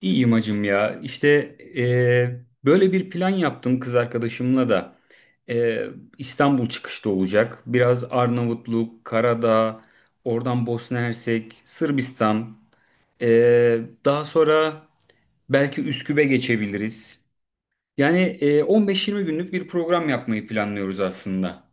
İyiyim hacım ya. İşte böyle bir plan yaptım kız arkadaşımla da. Eee, İstanbul çıkışta olacak. Biraz Arnavutluk, Karadağ, oradan Bosna Hersek, Sırbistan. Daha sonra belki Üsküp'e geçebiliriz. Yani 15-20 günlük bir program yapmayı planlıyoruz aslında.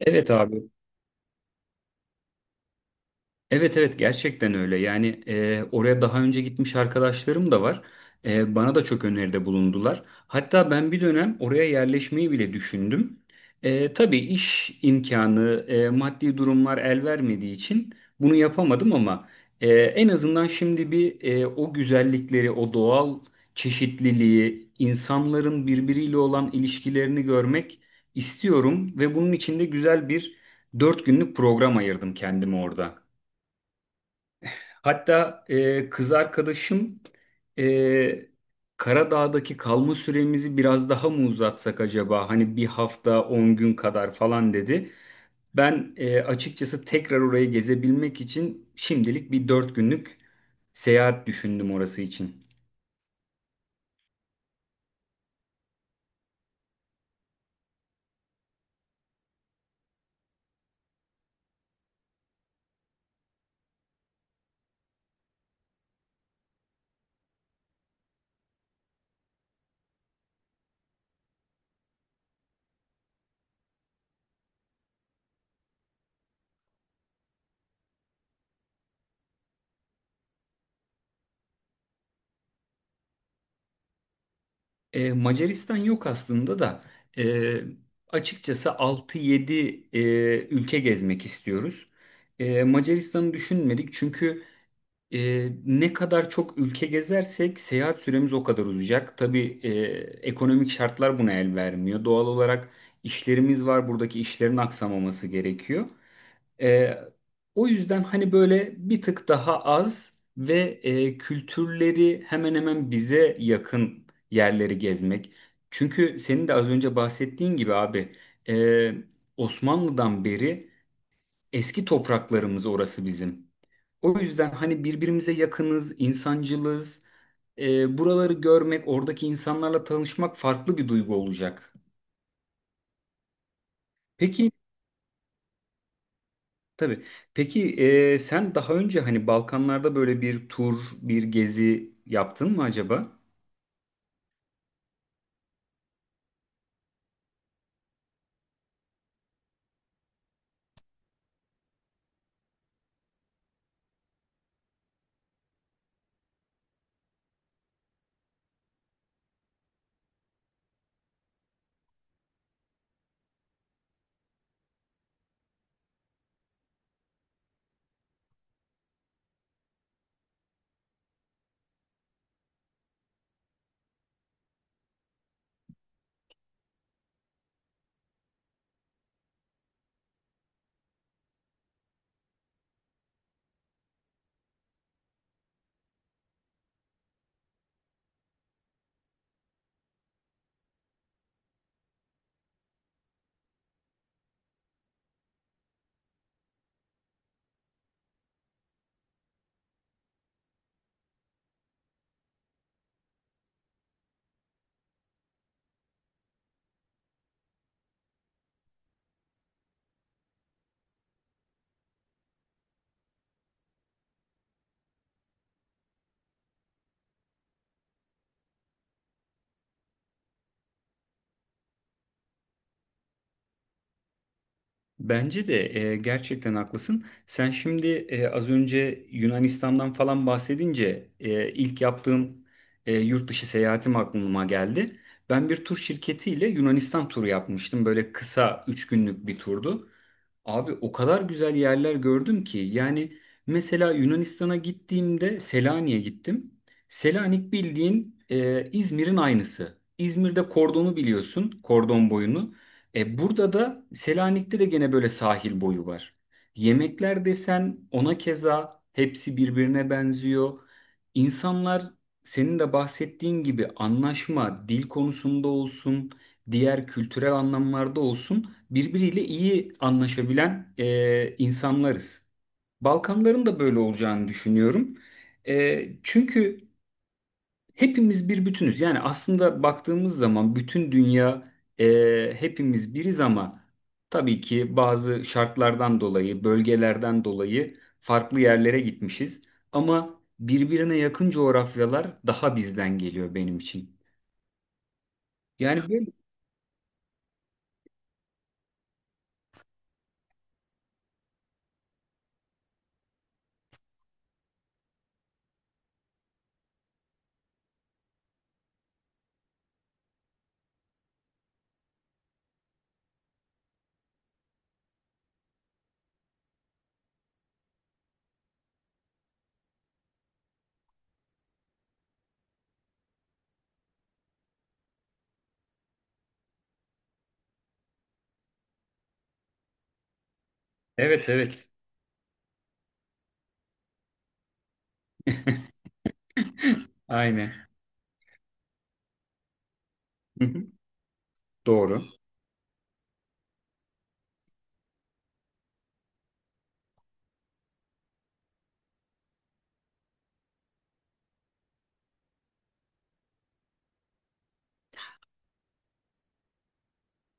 Evet abi. Evet evet, gerçekten öyle. Yani oraya daha önce gitmiş arkadaşlarım da var. Bana da çok öneride bulundular. Hatta ben bir dönem oraya yerleşmeyi bile düşündüm. Tabii iş imkanı, maddi durumlar el vermediği için bunu yapamadım ama en azından şimdi bir o güzellikleri, o doğal çeşitliliği, insanların birbiriyle olan ilişkilerini görmek istiyorum ve bunun için de güzel bir 4 günlük program ayırdım kendime orada. Hatta kız arkadaşım e, Karadağ'daki kalma süremizi biraz daha mı uzatsak acaba? Hani bir hafta 10 gün kadar falan dedi. Ben açıkçası tekrar orayı gezebilmek için şimdilik bir 4 günlük seyahat düşündüm orası için. Macaristan yok aslında da e, açıkçası altı yedi ülke gezmek istiyoruz. Macaristan'ı düşünmedik çünkü ne kadar çok ülke gezersek seyahat süremiz o kadar uzayacak. Tabii ekonomik şartlar buna el vermiyor. Doğal olarak işlerimiz var. Buradaki işlerin aksamaması gerekiyor. Ee, o yüzden hani böyle bir tık daha az ve kültürleri hemen hemen bize yakın yerleri gezmek. Çünkü senin de az önce bahsettiğin gibi abi e, Osmanlı'dan beri eski topraklarımız orası bizim. O yüzden hani birbirimize yakınız, insancılız. Buraları görmek, oradaki insanlarla tanışmak farklı bir duygu olacak. Peki, tabii. Peki sen daha önce hani Balkanlarda böyle bir tur, bir gezi yaptın mı acaba? Bence de gerçekten haklısın. Sen şimdi az önce Yunanistan'dan falan bahsedince ilk yaptığım yurt dışı seyahatim aklıma geldi. Ben bir tur şirketiyle Yunanistan turu yapmıştım. Böyle kısa 3 günlük bir turdu. Abi o kadar güzel yerler gördüm ki, yani mesela Yunanistan'a gittiğimde Selanik'e gittim. Selanik bildiğin İzmir'in aynısı. İzmir'de kordonu biliyorsun, kordon boyunu. Burada da Selanik'te de gene böyle sahil boyu var. Yemekler desen ona keza hepsi birbirine benziyor. İnsanlar, senin de bahsettiğin gibi anlaşma, dil konusunda olsun, diğer kültürel anlamlarda olsun birbiriyle iyi anlaşabilen insanlarız. Balkanların da böyle olacağını düşünüyorum. Çünkü hepimiz bir bütünüz. Yani aslında baktığımız zaman bütün dünya, hepimiz biriz ama tabii ki bazı şartlardan dolayı, bölgelerden dolayı farklı yerlere gitmişiz. Ama birbirine yakın coğrafyalar daha bizden geliyor benim için. Yani böyle. Evet, evet. Aynen. Doğru.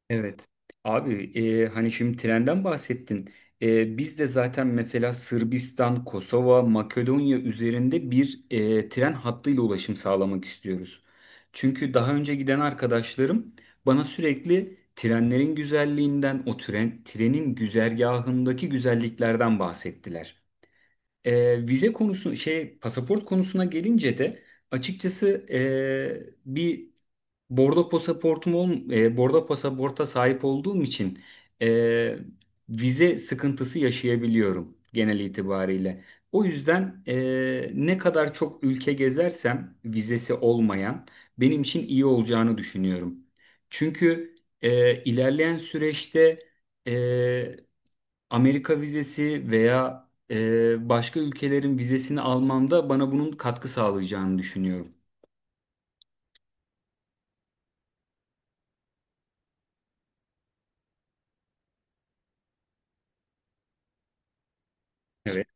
Evet. Abi hani şimdi trenden bahsettin. Biz de zaten mesela Sırbistan, Kosova, Makedonya üzerinde bir tren hattıyla ulaşım sağlamak istiyoruz. Çünkü daha önce giden arkadaşlarım bana sürekli trenlerin güzelliğinden, trenin güzergahındaki güzelliklerden bahsettiler. Vize konusu, şey pasaport konusuna gelince de açıkçası e, bir Bordo pasaportum ol, e, bordo pasaporta sahip olduğum için e, vize sıkıntısı yaşayabiliyorum genel itibariyle. O yüzden ne kadar çok ülke gezersem vizesi olmayan, benim için iyi olacağını düşünüyorum. Çünkü ilerleyen süreçte e, Amerika vizesi veya başka ülkelerin vizesini almamda bana bunun katkı sağlayacağını düşünüyorum. Evet.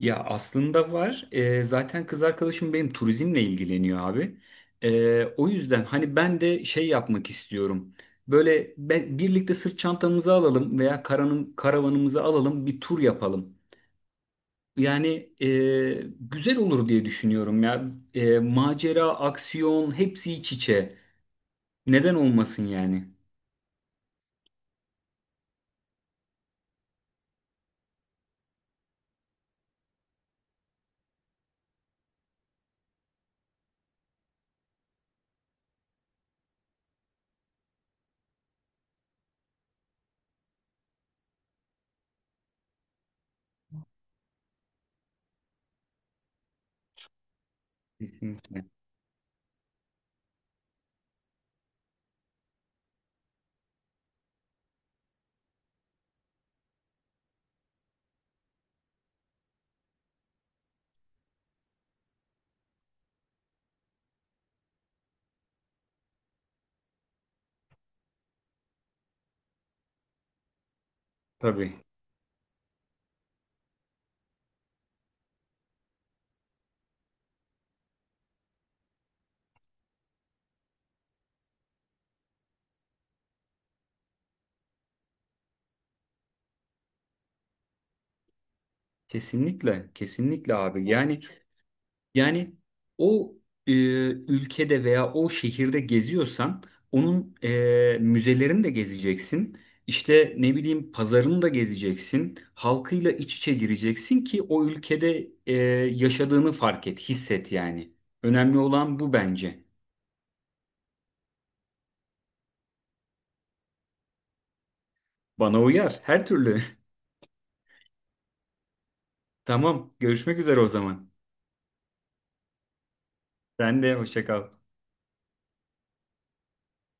Ya, aslında var. Zaten kız arkadaşım benim turizmle ilgileniyor abi. O yüzden hani ben de şey yapmak istiyorum. Böyle birlikte sırt çantamızı alalım veya karavanımızı alalım, bir tur yapalım. Yani güzel olur diye düşünüyorum ya. Macera, aksiyon hepsi iç içe. Neden olmasın yani? Kesinlikle. Tabii. Kesinlikle. Kesinlikle abi. yani o e, ülkede veya o şehirde geziyorsan onun müzelerini de gezeceksin. İşte ne bileyim, pazarını da gezeceksin. Halkıyla iç içe gireceksin ki o ülkede yaşadığını fark et, hisset yani. Önemli olan bu bence. Bana uyar her türlü. Tamam, görüşmek üzere o zaman. Sen de hoşça kal.